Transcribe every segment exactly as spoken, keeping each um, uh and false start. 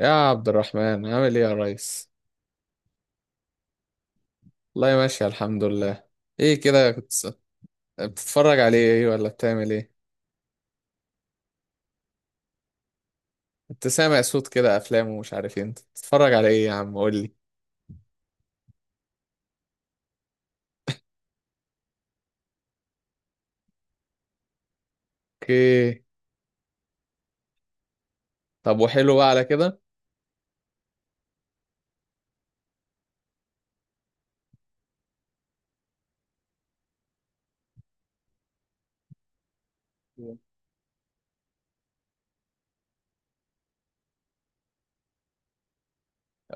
يا عبد الرحمن عامل ايه يا ريس؟ والله ماشي، الحمد لله. ايه كده؟ كنت س- بتتفرج على ايه ولا بتعمل ايه؟ كنت سامع صوت كده افلام ومش عارف ايه، انت بتتفرج على ايه يا عم؟ قول لي. اوكي، طب وحلو بقى على كده.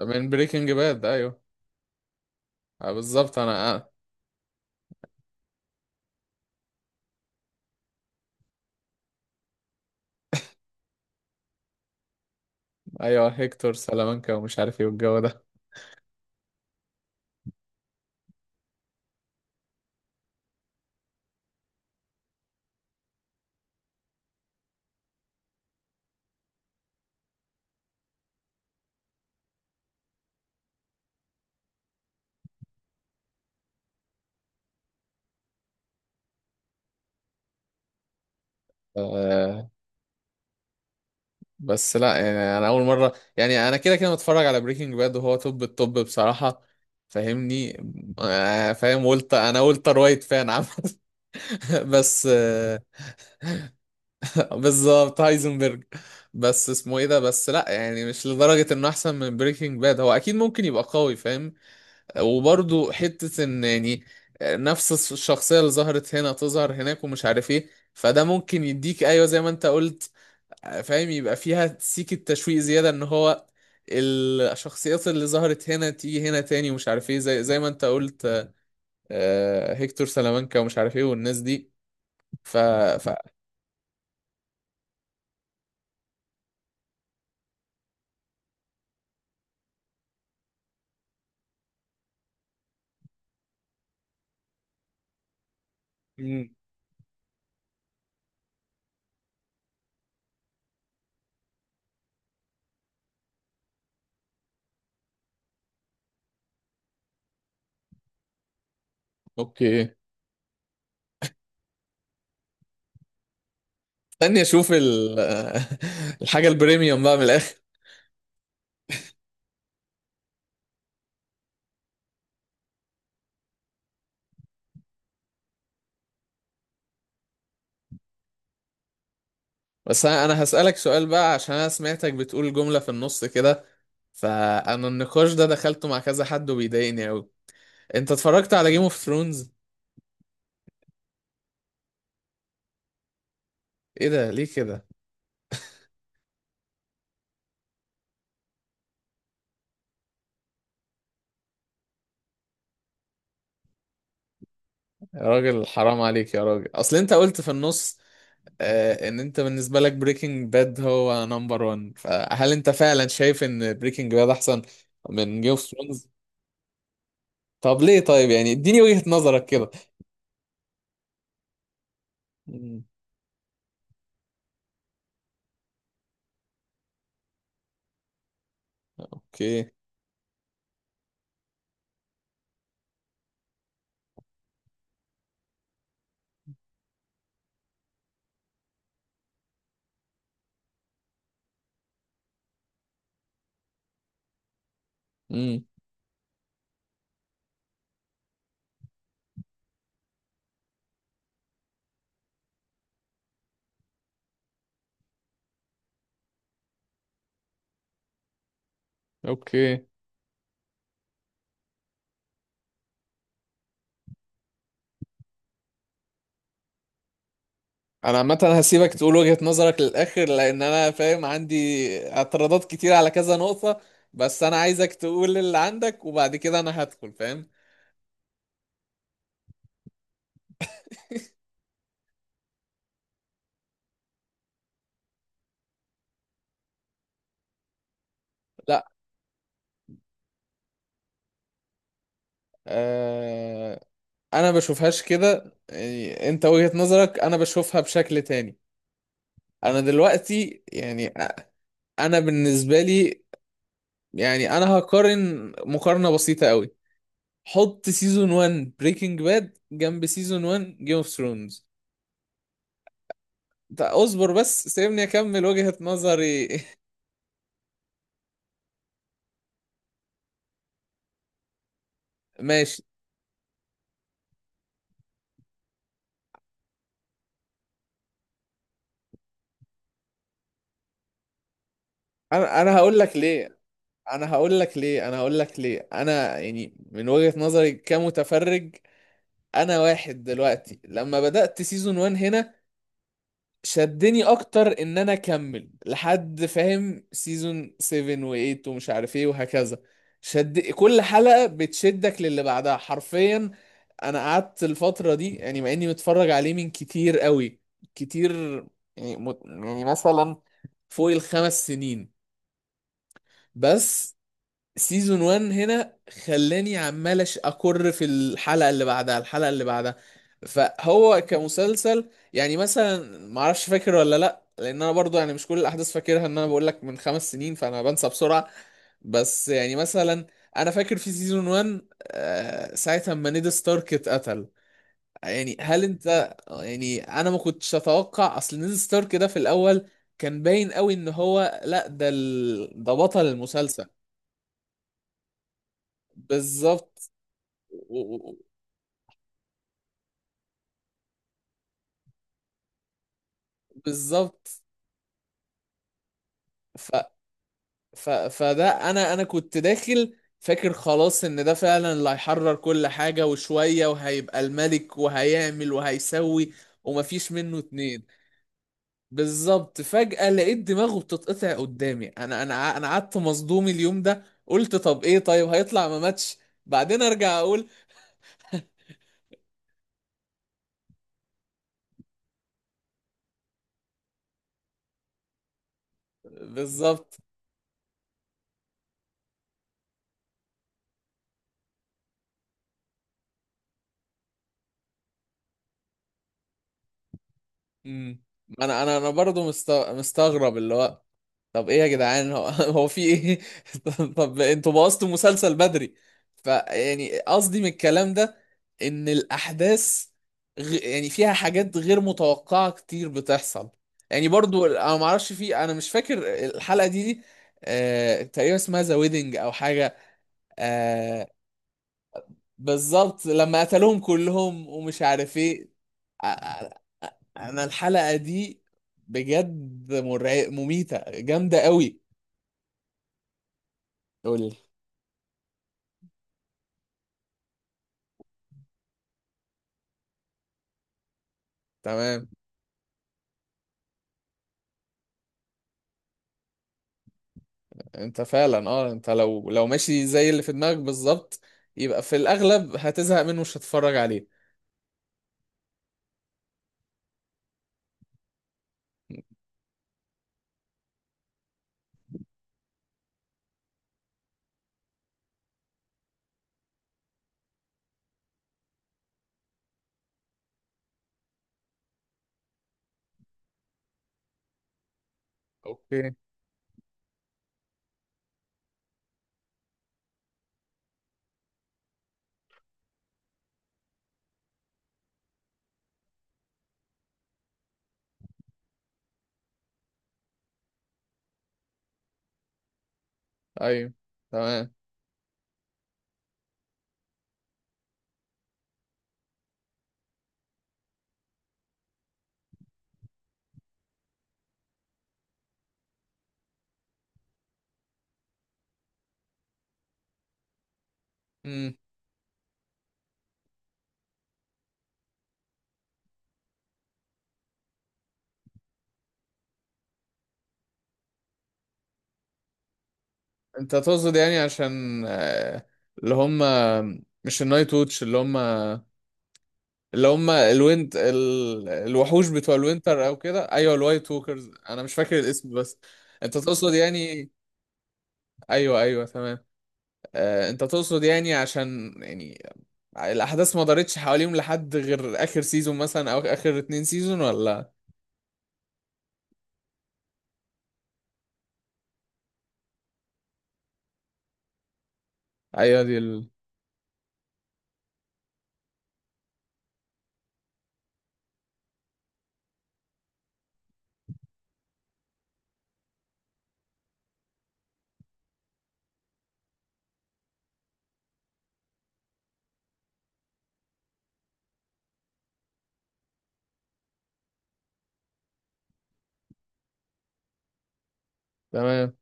من بريكنج باد، ايوه. آه، بالظبط انا آه. ايوه، هيكتور سلامانكا ومش عارف ايه والجو ده. آه، بس لا يعني، انا اول مره، يعني انا كده كده متفرج على بريكنج باد وهو توب التوب بصراحه. فاهمني؟ آه، فاهم. قلت، انا قلت رايت فان عامه، بس آه، بالظبط هايزنبرج. بس اسمه ايه ده؟ بس لا، يعني مش لدرجة انه احسن من بريكنج باد. هو اكيد ممكن يبقى قوي، فاهم؟ وبرضه حتة ان يعني، آه، نفس الس- الشخصية اللي ظهرت هنا تظهر هناك ومش عارف ايه، فده ممكن يديك، ايوه زي ما انت قلت. آه، فاهم. يبقى فيها سيكة تشويق زيادة ان هو الشخصيات اللي ظهرت هنا تيجي هنا تاني ومش عارف ايه، زي زي ما انت قلت. آه، هيكتور سلامانكا ومش عارف ايه والناس دي. ف ف مم. اوكي. استني اشوف ال... الحاجه البريميوم بقى من الاخر. بس انا، انا هسالك سؤال بقى، عشان انا سمعتك بتقول جمله في النص كده. فانا النقاش ده دخلته مع كذا حد وبيضايقني قوي. انت اتفرجت على جيم اوف ثرونز؟ ايه ده؟ ليه كده؟ يا راجل حرام عليك يا راجل، اصل انت قلت في النص، آه، ان انت بالنسبه لك بريكنج باد هو نمبر واحد. فهل انت فعلا شايف ان بريكنج باد احسن من جيم اوف ثرونز؟ طب ليه؟ طيب يعني اديني وجهة نظرك كده. مم، اوكي اوكي انا عامه هسيبك تقول وجهة نظرك للاخر، لان انا فاهم، عندي اعتراضات كتير على كذا نقطة. بس انا عايزك تقول اللي عندك، وبعد كده انا هدخل فاهم. لا، آه، انا بشوفهاش كده. يعني انت وجهة نظرك، انا بشوفها بشكل تاني. انا دلوقتي يعني، أ- انا بالنسبة لي، يعني انا هقارن مقارنة بسيطة قوي. حط سيزون واحد بريكنج باد جنب سيزون واحد جيم اوف ثرونز. طيب اصبر بس، سيبني اكمل وجهة نظري. ماشي. انا انا هقول لك ليه انا هقول لك ليه انا هقول لك ليه. انا يعني من وجهة نظري كمتفرج، انا واحد دلوقتي لما بدأت سيزون واحد هنا، شدني اكتر ان انا اكمل لحد فاهم سيزون سبعة و8 ومش عارف ايه وهكذا. شد كل حلقة بتشدك للي بعدها حرفيا. انا قعدت الفترة دي، يعني مع اني متفرج عليه من كتير قوي، كتير، يعني مت... يعني مثلا فوق الخمس سنين. بس سيزون واحد هنا خلاني عمال أش- اكر في الحلقه اللي بعدها الحلقه اللي بعدها. فهو كمسلسل، يعني مثلا ما اعرفش فاكر ولا لا، لان انا برضو يعني مش كل الاحداث فاكرها، ان انا بقول لك من خمس سنين فانا بنسى بسرعه. بس يعني مثلا انا فاكر في سيزون واحد، آه، ساعه ما نيد ستارك اتقتل. يعني هل انت، آه، يعني انا ما كنتش اتوقع، اصل نيد ستارك ده في الاول كان باين قوي ان هو لا، ده ال... ده بطل المسلسل. بالظبط. و- و- بالظبط. ف... ف... فده انا، انا كنت داخل فاكر خلاص ان ده فعلا اللي هيحرر كل حاجة وشوية وهيبقى الملك وهيعمل وهيسوي ومفيش منه اتنين. بالظبط. فجأة لقيت دماغه بتتقطع قدامي. انا انا ع- انا قعدت مصدوم اليوم ده، قلت طب ايه؟ طيب هيطلع ما ماتش؟ بعدين ارجع اقول بالظبط. امم. انا انا انا برضه مست... مستغرب اللي هو، طب ايه يا جدعان؟ هو، هو في ايه؟ طب طب انتوا بوظتوا المسلسل بدري. فيعني قصدي من الكلام ده ان الاحداث، غ... يعني فيها حاجات غير متوقعة كتير بتحصل. يعني برضو انا ما اعرفش، في انا مش فاكر الحلقة دي دي، آه... تقريبا اسمها ذا ويدنج او حاجة، آه... بالظبط لما قتلوهم كلهم ومش عارف ايه. آ- آ- انا الحلقة دي بجد مرع... مميتة جامدة قوي. قول لي. تمام. انت فعلا، اه انت لو، لو ماشي زي اللي في دماغك بالظبط، يبقى في الاغلب هتزهق منه مش هتتفرج عليه. اوكي. ايوه تمام. امم. انت تقصد يعني عشان، آه، اللي هم مش النايت ووتش، اللي هم، اللي هم الوينت، ال... الوحوش بتوع الوينتر او كده، ايوه الوايت ووكرز، انا مش فاكر الاسم بس. انت تقصد يعني، ايوه ايوه تمام. آه، انت تقصد يعني عشان يعني الاحداث ما دارتش حواليهم لحد غير اخر سيزون مثلا، او اخر اتنين سيزون، ولا؟ ايوه دي ال... تمام.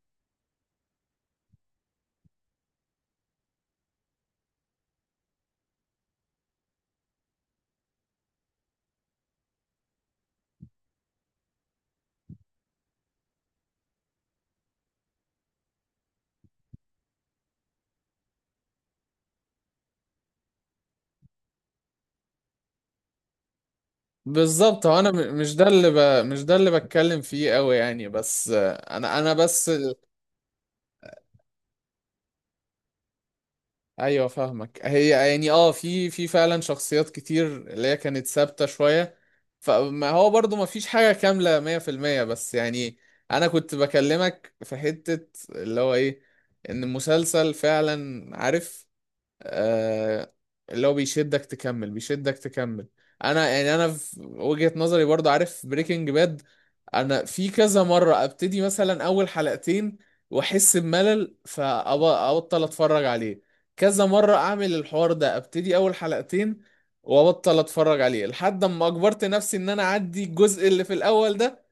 بالظبط. هو انا، م- مش ده اللي ب... مش ده اللي بتكلم فيه قوي يعني، بس آه، انا انا بس. ايوه فاهمك. هي يعني اه، في في فعلا شخصيات كتير اللي هي كانت ثابته شويه، فما هو برضو ما فيش حاجه كامله مية في المية. بس يعني انا كنت بكلمك في حته اللي هو ايه، ان المسلسل فعلا عارف، آه، اللي هو بيشدك تكمل بيشدك تكمل. انا يعني انا في وجهة نظري برضو عارف بريكنج باد، انا في كذا مرة ابتدي مثلا اول حلقتين واحس بملل فابطل اتفرج عليه. كذا مرة اعمل الحوار ده، ابتدي اول حلقتين وابطل اتفرج عليه، لحد اما اجبرت نفسي ان انا اعدي الجزء اللي في الاول ده،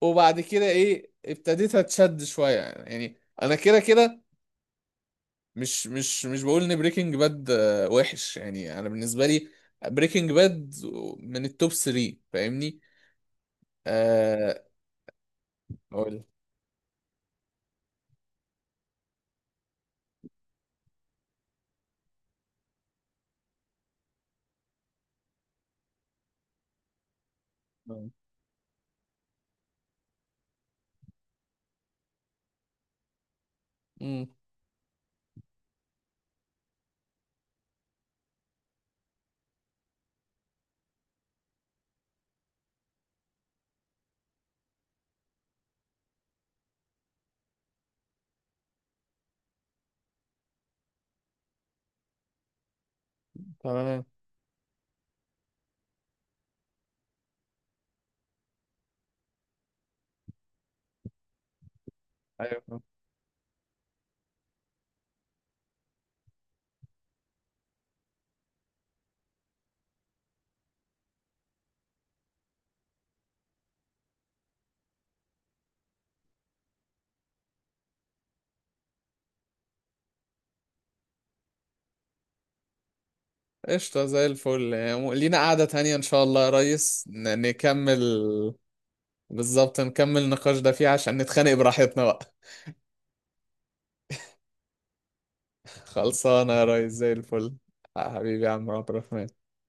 وبعد كده ايه ابتديت اتشد شوية. يعني انا كده كده، مش مش مش بقول ان بريكنج باد وحش، يعني انا بالنسبه لي بريكنج باد من التوب تلاتة. فاهمني؟ آه. اقول. امم. تمام. ايوه فاهم. قشطه زي الفل. يعني لينا قعده تانية ان شاء الله يا ريس ن- نكمل. بالظبط، نكمل النقاش ده فيها عشان نتخانق براحتنا بقى. خلصانه يا ريس زي الفل. حبيبي يا عم عبد الرحمن.